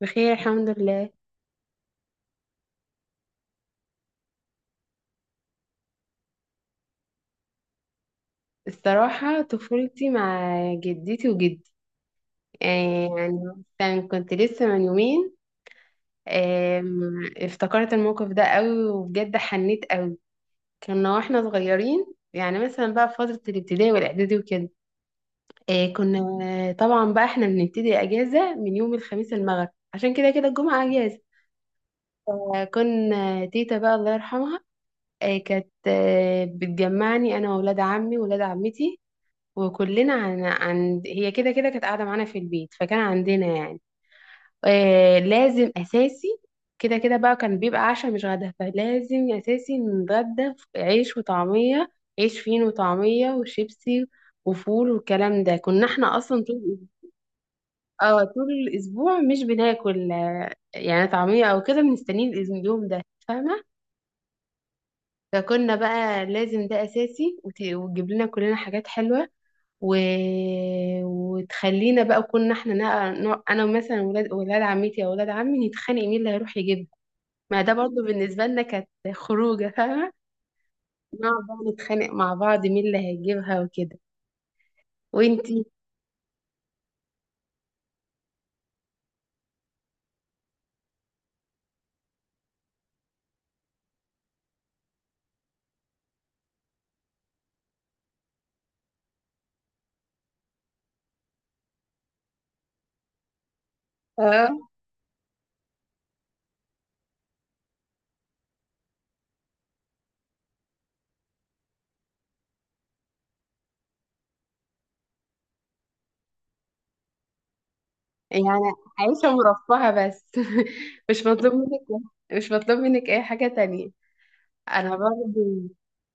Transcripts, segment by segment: بخير الحمد لله. الصراحة طفولتي مع جدتي وجدي. يعني مثلا كنت لسه من يومين. افتكرت الموقف ده قوي وبجد حنيت قوي. كنا واحنا صغيرين، يعني مثلا بقى في فترة الابتدائي والإعدادي وكده. آه، كنا طبعا بقى احنا بنبتدي أجازة من يوم الخميس المغرب، عشان كده كده الجمعة أجازة. كنا تيتا بقى الله يرحمها، كانت بتجمعني انا واولاد عمي واولاد عمتي. وكلنا هي كده كده كانت قاعدة معانا في البيت، فكان عندنا يعني لازم أساسي. كده كده بقى كان بيبقى عشاء مش غدا، فلازم أساسي نتغدى في عيش وطعمية. عيش فين وطعمية وشيبسي وفول والكلام ده. كنا احنا أصلا طول، اه طول الأسبوع مش بناكل يعني طعمية أو كده، بنستنيه اليوم ده، فاهمة؟ فكنا بقى لازم ده أساسي، وتجيب لنا كلنا حاجات حلوة. و... وتخلينا بقى، كنا احنا انا مثلا ولاد عمتي او ولاد عمي نتخانق مين اللي هيروح يجيبها. ما ده برضو بالنسبه لنا كانت خروجه، فاهمه؟ نقعد بقى نتخانق مع بعض مين اللي هيجيبها وكده. وانتي؟ اه، يعني عايشه مرفهه بس مش مطلوب منك مش مطلوب منك اي حاجه تانية. انا برضو،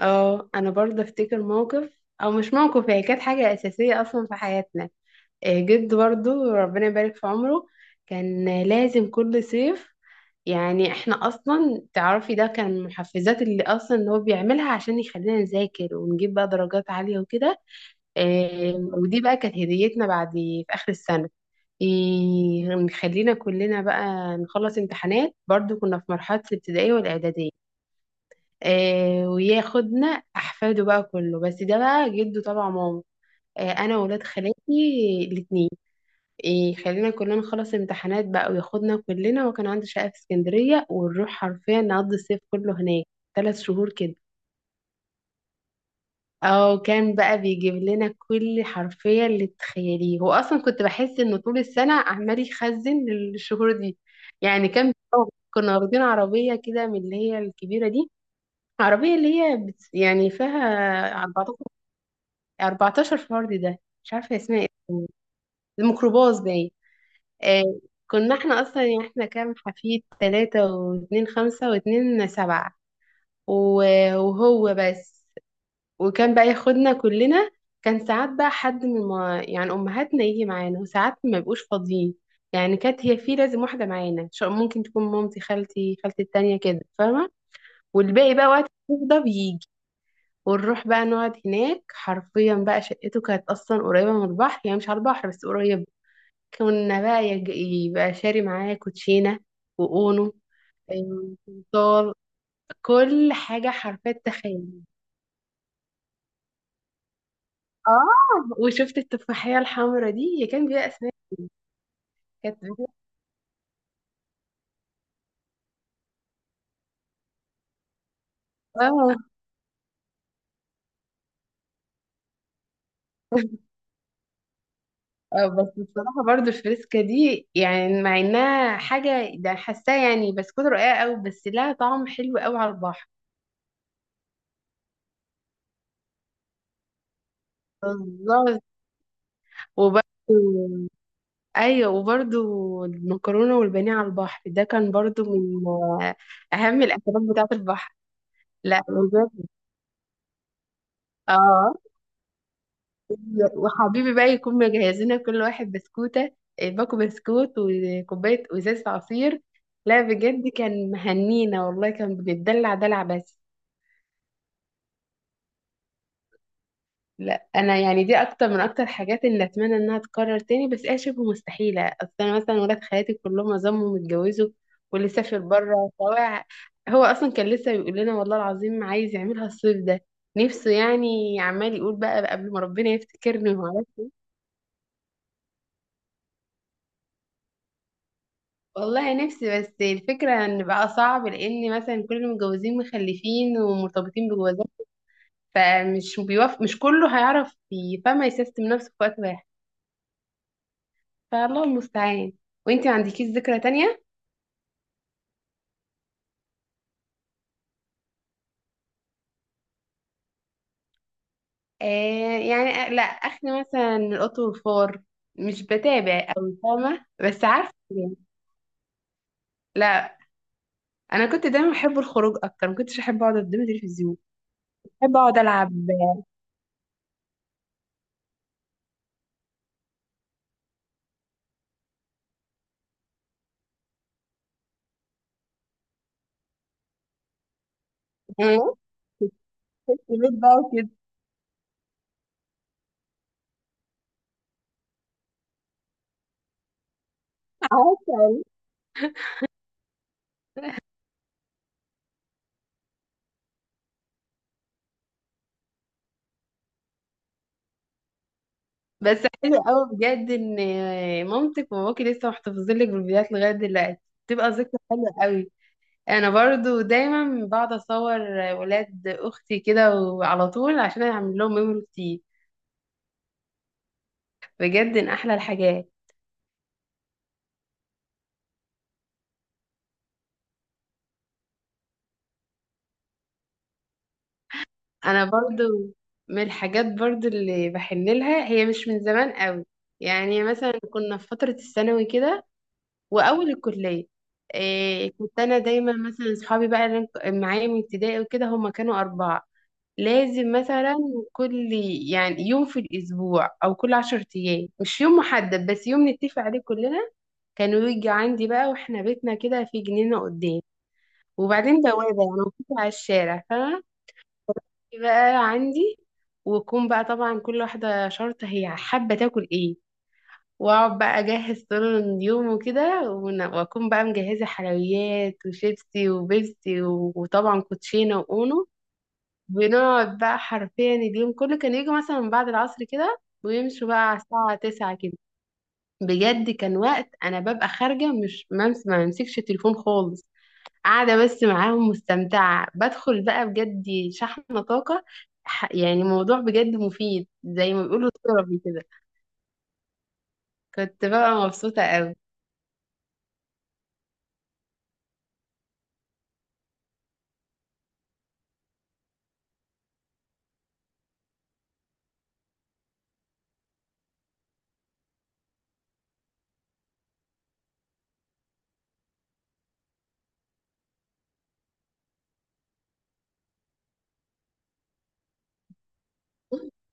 اه انا برضو افتكر موقف او مش موقف، هي كانت حاجه اساسيه اصلا في حياتنا. جد برضو ربنا يبارك في عمره، كان لازم كل صيف، يعني احنا اصلا تعرفي ده كان من المحفزات اللي هو بيعملها عشان يخلينا نذاكر ونجيب بقى درجات عالية وكده. ودي بقى كانت هديتنا بعد في اخر السنة. نخلينا كلنا بقى نخلص امتحانات، برضو كنا في مرحلة الابتدائية والإعدادية. آه، وياخدنا أحفاده بقى كله، بس ده بقى جده طبعا ماما. أنا وولاد خالاتي الاتنين، يخلينا كلنا نخلص امتحانات بقى وياخدنا كلنا. وكان عنده شقة في اسكندرية ونروح حرفيا نقضي الصيف كله هناك، 3 شهور كده. او كان بقى بيجيب لنا كل حرفيا اللي تتخيليه، هو اصلا كنت بحس انه طول السنة عمال يخزن للشهور دي. يعني كان كنا واخدين عربية كده من اللي هي الكبيرة دي، عربية اللي هي يعني فيها 14 14 فرد، ده مش عارفة اسمها ايه، الميكروباص باين. آه، كنا احنا اصلا، يعني احنا كام حفيد؟ ثلاثة واتنين خمسة، واتنين سبعة، وهو بس. وكان بقى ياخدنا كلنا. كان ساعات بقى حد من، ما يعني امهاتنا يجي معانا، وساعات ما يبقوش فاضيين. يعني كانت هي في لازم واحدة معانا، ممكن تكون مامتي، خالتي التانية كده، فاهمة؟ والباقي بقى وقت ده بيجي. ونروح بقى نقعد هناك حرفيا. بقى شقته كانت اصلا قريبة من البحر، يعني مش على البحر بس قريبة. كنا بقى يبقى شاري معايا كوتشينة وأونو، صار كل حاجة حرفيا، تخيل. اه وشفت التفاحية الحمراء دي، هي كان بيها أسماك، كانت بتبيع- اه. بس بصراحة برضو الفريسكا دي يعني، مع انها حاجة ده حاساها يعني بسكوت رقيقة قوي، بس لها طعم حلو قوي على البحر. بالظبط. وبرضو ايوه، وبرضو المكرونة والبانيه على البحر ده كان برضو من اهم الاكلات بتاعة البحر. لا والباقي، اه، وحبيبي بقى يكون مجهزين لنا كل واحد بسكوتة، باكو بسكوت وكوباية وإزازة عصير. لا بجد كان مهنينا والله، كان بنتدلع دلع بس. لا انا يعني دي اكتر حاجات اللي اتمنى انها تتكرر تاني، بس هي شبه مستحيله. اصل انا مثلا ولاد خالاتي كلهم ظلموا متجوزوا، واللي سافر بره سواء. هو اصلا كان لسه بيقول لنا والله العظيم عايز يعملها الصيف ده، نفسه يعني، عمال يقول بقى قبل ما ربنا يفتكرني. والله نفسي، بس الفكرة ان بقى صعب، لان مثلا كل المتجوزين مخلفين ومرتبطين بجوازات، فمش بيوافق، مش كله هيعرف فما يسيستم نفسه في وقت واحد. فالله المستعان. وانتي ما عندكيش ذكرى تانية؟ آه، يعني لا اخلي مثلا القط والفار، مش بتابع او فاهمة بس عارفة يعني. لا انا كنت دايما بحب الخروج، اكتر ما كنتش احب اقعد قدام التلفزيون، بحب اقعد العب آه، في البيت بقى وكده، عارفة؟ بس حلو قوي بجد ان مامتك وباباكي لسه محتفظين لك بالفيديوهات لغايه دلوقتي، بتبقى ذكرى حلوه قوي. انا برضو دايما بقعد اصور ولاد اختي كده وعلى طول، عشان اعمل لهم ميموري كتير، بجد ان احلى الحاجات. انا برضو من الحاجات برضو اللي بحن لها، هي مش من زمان قوي، يعني مثلا كنا في فتره الثانوي كده واول الكليه. إيه، كنت انا دايما مثلا اصحابي بقى اللي أنا معايا من ابتدائي وكده، هم كانوا 4. لازم مثلا كل يعني يوم في الأسبوع أو كل 10 أيام، مش يوم محدد بس يوم نتفق عليه كلنا. كانوا يجي عندي بقى، واحنا بيتنا كده في جنينة قدام، وبعدين بوابة يعني مفتوحة على الشارع، فاهمة؟ بقى عندي، ويكون بقى طبعا كل واحدة شرطة هي حابة تاكل ايه، واقعد بقى اجهز طول اليوم وكده. واكون بقى مجهزة حلويات وشيبسي وبيبسي وطبعا كوتشينة واونو. بنقعد بقى حرفيا اليوم كله، كان يجي مثلا من بعد العصر كده ويمشوا بقى على الساعة 9 كده. بجد كان وقت أنا ببقى خارجة مش ممس، ما بمسكش التليفون خالص، قاعدة بس معاهم مستمتعة، بدخل بقى بجد شحنة طاقة. يعني موضوع بجد مفيد، زي ما بيقولوا ثيرابي كده. كنت بقى مبسوطة قوي.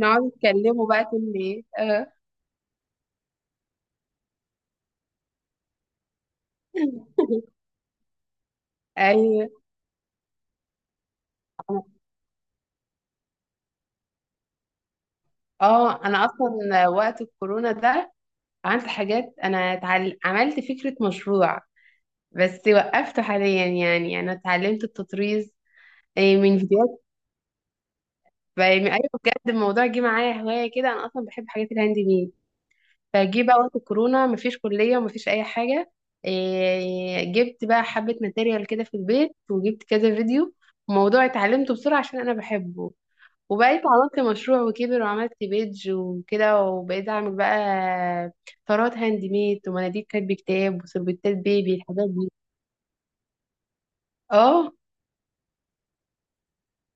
نقعد نتكلموا بقى كل ايه، اه ايوه. اه انا اصلا وقت الكورونا ده عملت حاجات، انا عملت فكرة مشروع، بس وقفته حاليا. يعني يعني انا اتعلمت التطريز، من فيديوهات. ايوه، بجد الموضوع جه معايا هواية كده. انا اصلا بحب حاجات الهاند ميد، فجه بقى وقت الكورونا مفيش كلية ومفيش اي حاجة، جبت بقى حبة ماتيريال كده في البيت وجبت كذا فيديو، موضوع اتعلمته بسرعة عشان انا بحبه. وبقيت عملت مشروع وكبر، وعملت بيدج وكده، وبقيت اعمل بقى طرات هاند ميد ومناديل كاتب كتاب وسربتات بيبي، الحاجات دي. اه،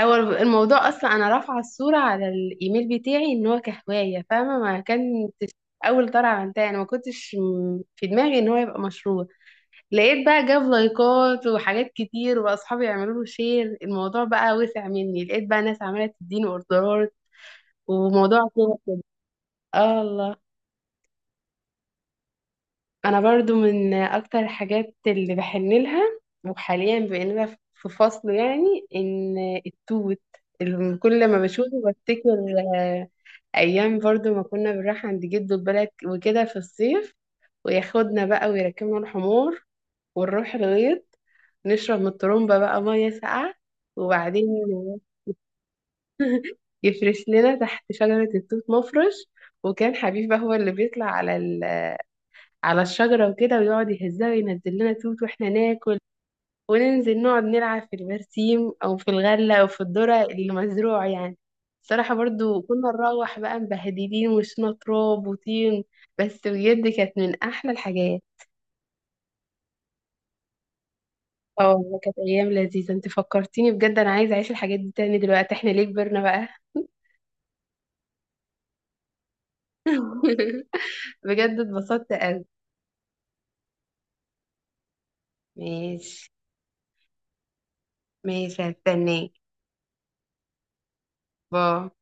هو الموضوع اصلا انا رافعه الصوره على الايميل بتاعي، ان هو كهوايه، فاهمه؟ ما كان اول طرعه عملتها انا ما كنتش في دماغي ان هو يبقى مشروع، لقيت بقى جاب لايكات وحاجات كتير، واصحابي يعملوا له شير، الموضوع بقى وسع مني، لقيت بقى ناس عماله تديني اوردرات، وموضوع كده كده. اه، الله. انا برضو من اكتر الحاجات اللي بحن لها، وحاليا بقينا في فصل يعني، ان التوت اللي كل ما بشوفه بفتكر. آه، ايام برضو ما كنا بنروح عند جده البلد وكده في الصيف، وياخدنا بقى ويركبنا الحمار ونروح الغيط، نشرب من الطرمبة بقى مية ساقعة. وبعدين يفرش لنا تحت شجرة التوت مفرش، وكان حبيب بقى هو اللي بيطلع على الشجرة وكده، ويقعد يهزها وينزل لنا توت واحنا ناكل، وننزل نقعد نلعب في البرسيم او في الغلة او في الذرة اللي مزروع يعني. الصراحة برضو كنا نروح بقى مبهدلين، وشنا تراب وطين، بس بجد كانت من احلى الحاجات. اه والله كانت ايام لذيذة، انت فكرتيني بجد، انا عايزة اعيش الحاجات دي تاني دلوقتي، احنا ليه كبرنا بقى؟ بجد اتبسطت قوي. ماشي. ماشي هستناك. باي.